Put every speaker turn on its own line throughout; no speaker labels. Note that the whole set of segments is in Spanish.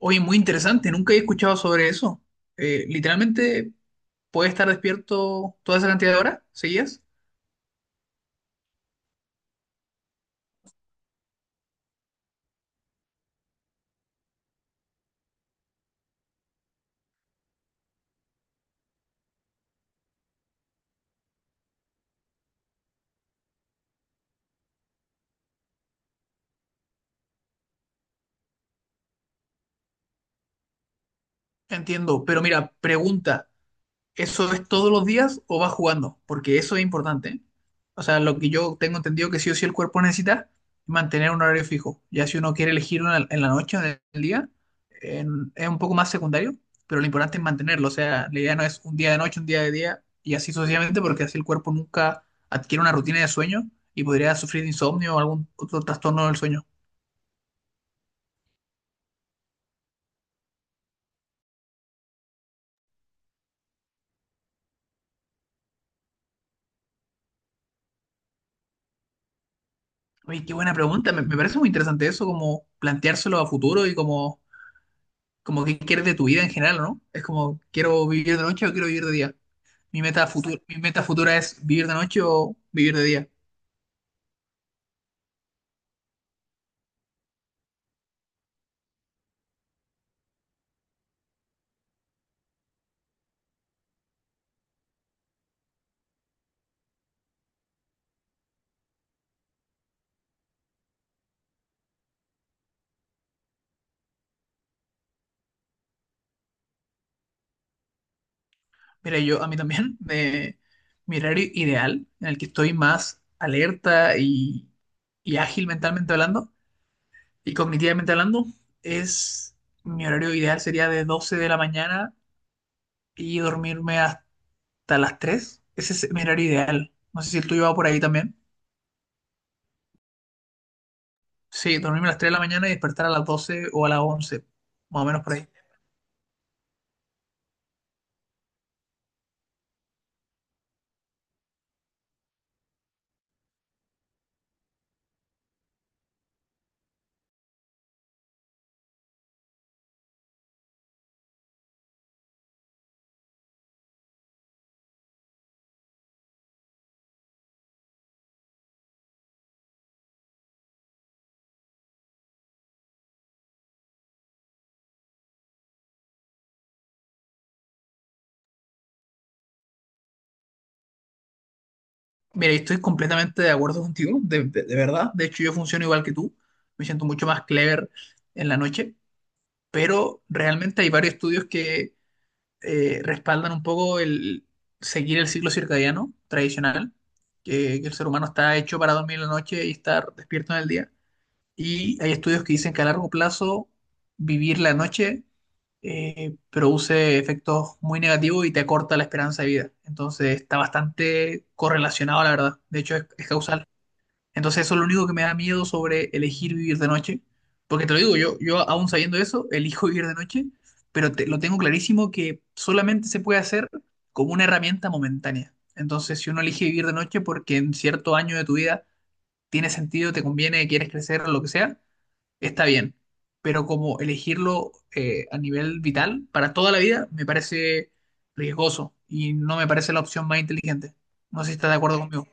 Oye, muy interesante, nunca he escuchado sobre eso. Literalmente, ¿puede estar despierto toda esa cantidad de horas seguidas? Entiendo, pero mira, pregunta. ¿Eso es todos los días o vas jugando? Porque eso es importante, ¿eh? O sea, lo que yo tengo entendido que sí o sí el cuerpo necesita es mantener un horario fijo. Ya si uno quiere elegir una en la noche o en el día, es un poco más secundario, pero lo importante es mantenerlo. O sea, la idea no es un día de noche, un día de día y así sucesivamente, porque así el cuerpo nunca adquiere una rutina de sueño y podría sufrir de insomnio o algún otro trastorno del sueño. Oye, qué buena pregunta. Me parece muy interesante eso, como planteárselo a futuro y como que quieres de tu vida en general, ¿no? Es como, ¿quiero vivir de noche o quiero vivir de día? Mi meta futura es vivir de noche o vivir de día. Mira, yo a mí también, de mi horario ideal, en el que estoy más alerta y ágil mentalmente hablando y cognitivamente hablando, es mi horario ideal sería de 12:00 y dormirme hasta las 3:00. Ese es mi horario ideal. No sé si el tuyo va por ahí también. Sí, dormirme a las 3:00 de la mañana y despertar a las 12:00 o a las 11:00, más o menos por ahí. Mira, y estoy completamente de acuerdo contigo, de, de verdad. De hecho, yo funciono igual que tú. Me siento mucho más clever en la noche, pero realmente hay varios estudios que respaldan un poco el seguir el ciclo circadiano tradicional, que el ser humano está hecho para dormir en la noche y estar despierto en el día. Y hay estudios que dicen que a largo plazo vivir la noche produce efectos muy negativos y te acorta la esperanza de vida. Entonces está bastante correlacionado, la verdad. De hecho, es causal. Entonces eso es lo único que me da miedo sobre elegir vivir de noche. Porque te lo digo, yo aún sabiendo eso, elijo vivir de noche, pero lo tengo clarísimo que solamente se puede hacer como una herramienta momentánea. Entonces, si uno elige vivir de noche porque en cierto año de tu vida tiene sentido, te conviene, quieres crecer, lo que sea, está bien, pero como elegirlo a nivel vital para toda la vida me parece riesgoso y no me parece la opción más inteligente. No sé si estás de acuerdo conmigo.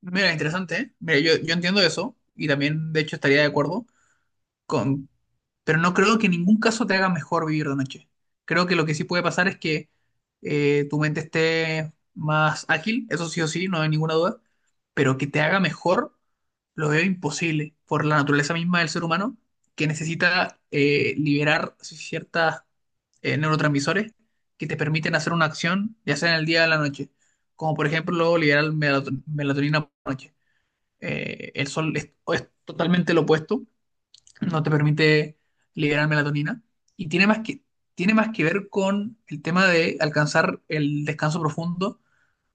Mira, interesante, ¿eh? Mira, yo entiendo eso y también de hecho estaría de acuerdo con, pero no creo que en ningún caso te haga mejor vivir de noche. Creo que lo que sí puede pasar es que tu mente esté más ágil, eso sí o sí, no hay ninguna duda, pero que te haga mejor lo veo imposible por la naturaleza misma del ser humano, que necesita liberar ciertas neurotransmisores que te permiten hacer una acción, ya sea en el día o en la noche, como por ejemplo liberar melatonina por la noche. El sol es totalmente lo opuesto, no te permite liberar melatonina y tiene más que ver con el tema de alcanzar el descanso profundo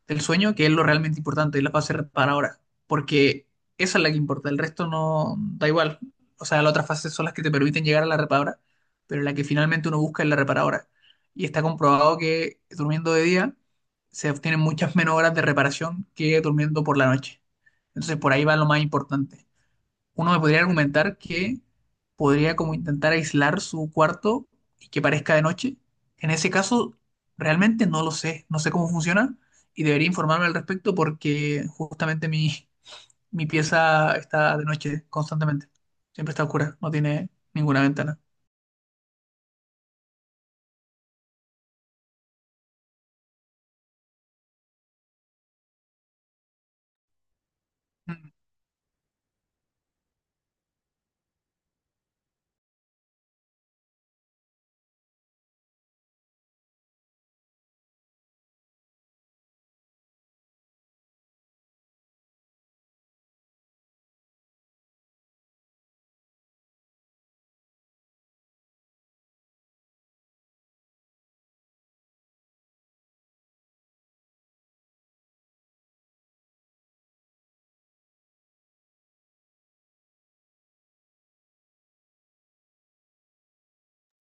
del sueño, que es lo realmente importante y la fase reparadora, porque esa es la que importa, el resto no da igual. O sea, las otras fases son las que te permiten llegar a la reparadora, pero la que finalmente uno busca es la reparadora. Y está comprobado que durmiendo de día se obtienen muchas menos horas de reparación que durmiendo por la noche. Entonces, por ahí va lo más importante uno me podría argumentar que podría como intentar aislar su cuarto y que parezca de noche. En ese caso, realmente no lo sé, no sé cómo funciona y debería informarme al respecto porque justamente mi, mi pieza está de noche constantemente. Siempre está oscura, no tiene ninguna ventana. Mm.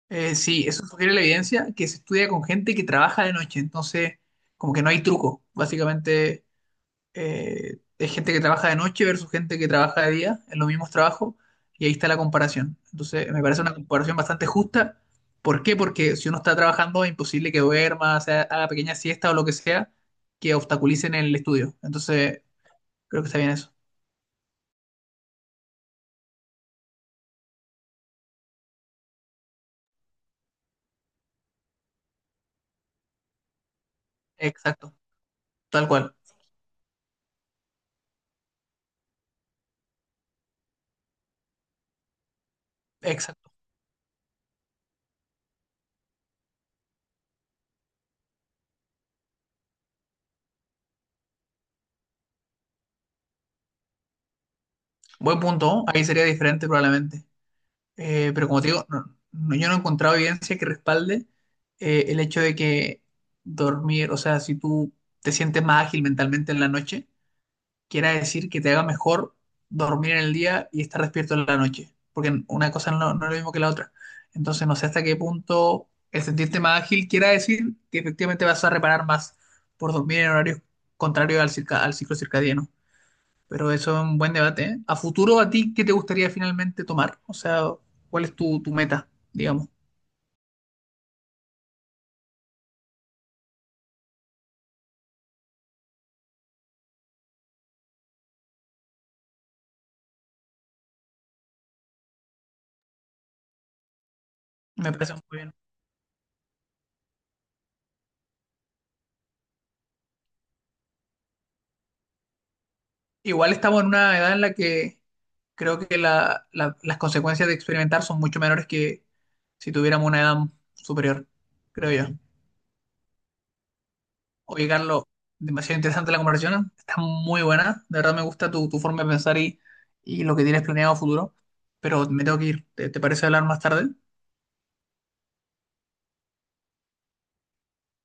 Sí, eso sugiere la evidencia que se estudia con gente que trabaja de noche, entonces como que no hay truco. Básicamente es gente que trabaja de noche versus gente que trabaja de día en los mismos trabajos y ahí está la comparación. Entonces, me parece una comparación bastante justa. ¿Por qué? Porque si uno está trabajando es imposible que duerma, o sea, haga pequeña siesta o lo que sea que obstaculicen el estudio. Entonces, creo que está bien eso. Exacto, tal cual. Exacto. Buen punto, ¿no? Ahí sería diferente probablemente. Pero como te digo, yo no he encontrado evidencia que respalde el hecho de que dormir, o sea, si tú te sientes más ágil mentalmente en la noche, quiera decir que te haga mejor dormir en el día y estar despierto en la noche, porque una cosa no, no es lo mismo que la otra. Entonces, no sé hasta qué punto el sentirte más ágil quiera decir que efectivamente vas a reparar más por dormir en horarios contrarios al al ciclo circadiano. Pero eso es un buen debate, ¿eh? A futuro, ¿a ti qué te gustaría finalmente tomar? O sea, ¿cuál es tu meta, digamos? Me parece muy bien. Igual estamos en una edad en la que creo que las consecuencias de experimentar son mucho menores que si tuviéramos una edad superior, creo yo. Oye, Carlos, demasiado interesante la conversación, está muy buena, de verdad me gusta tu forma de pensar y lo que tienes planeado a futuro, pero me tengo que ir. ¿Te parece hablar más tarde?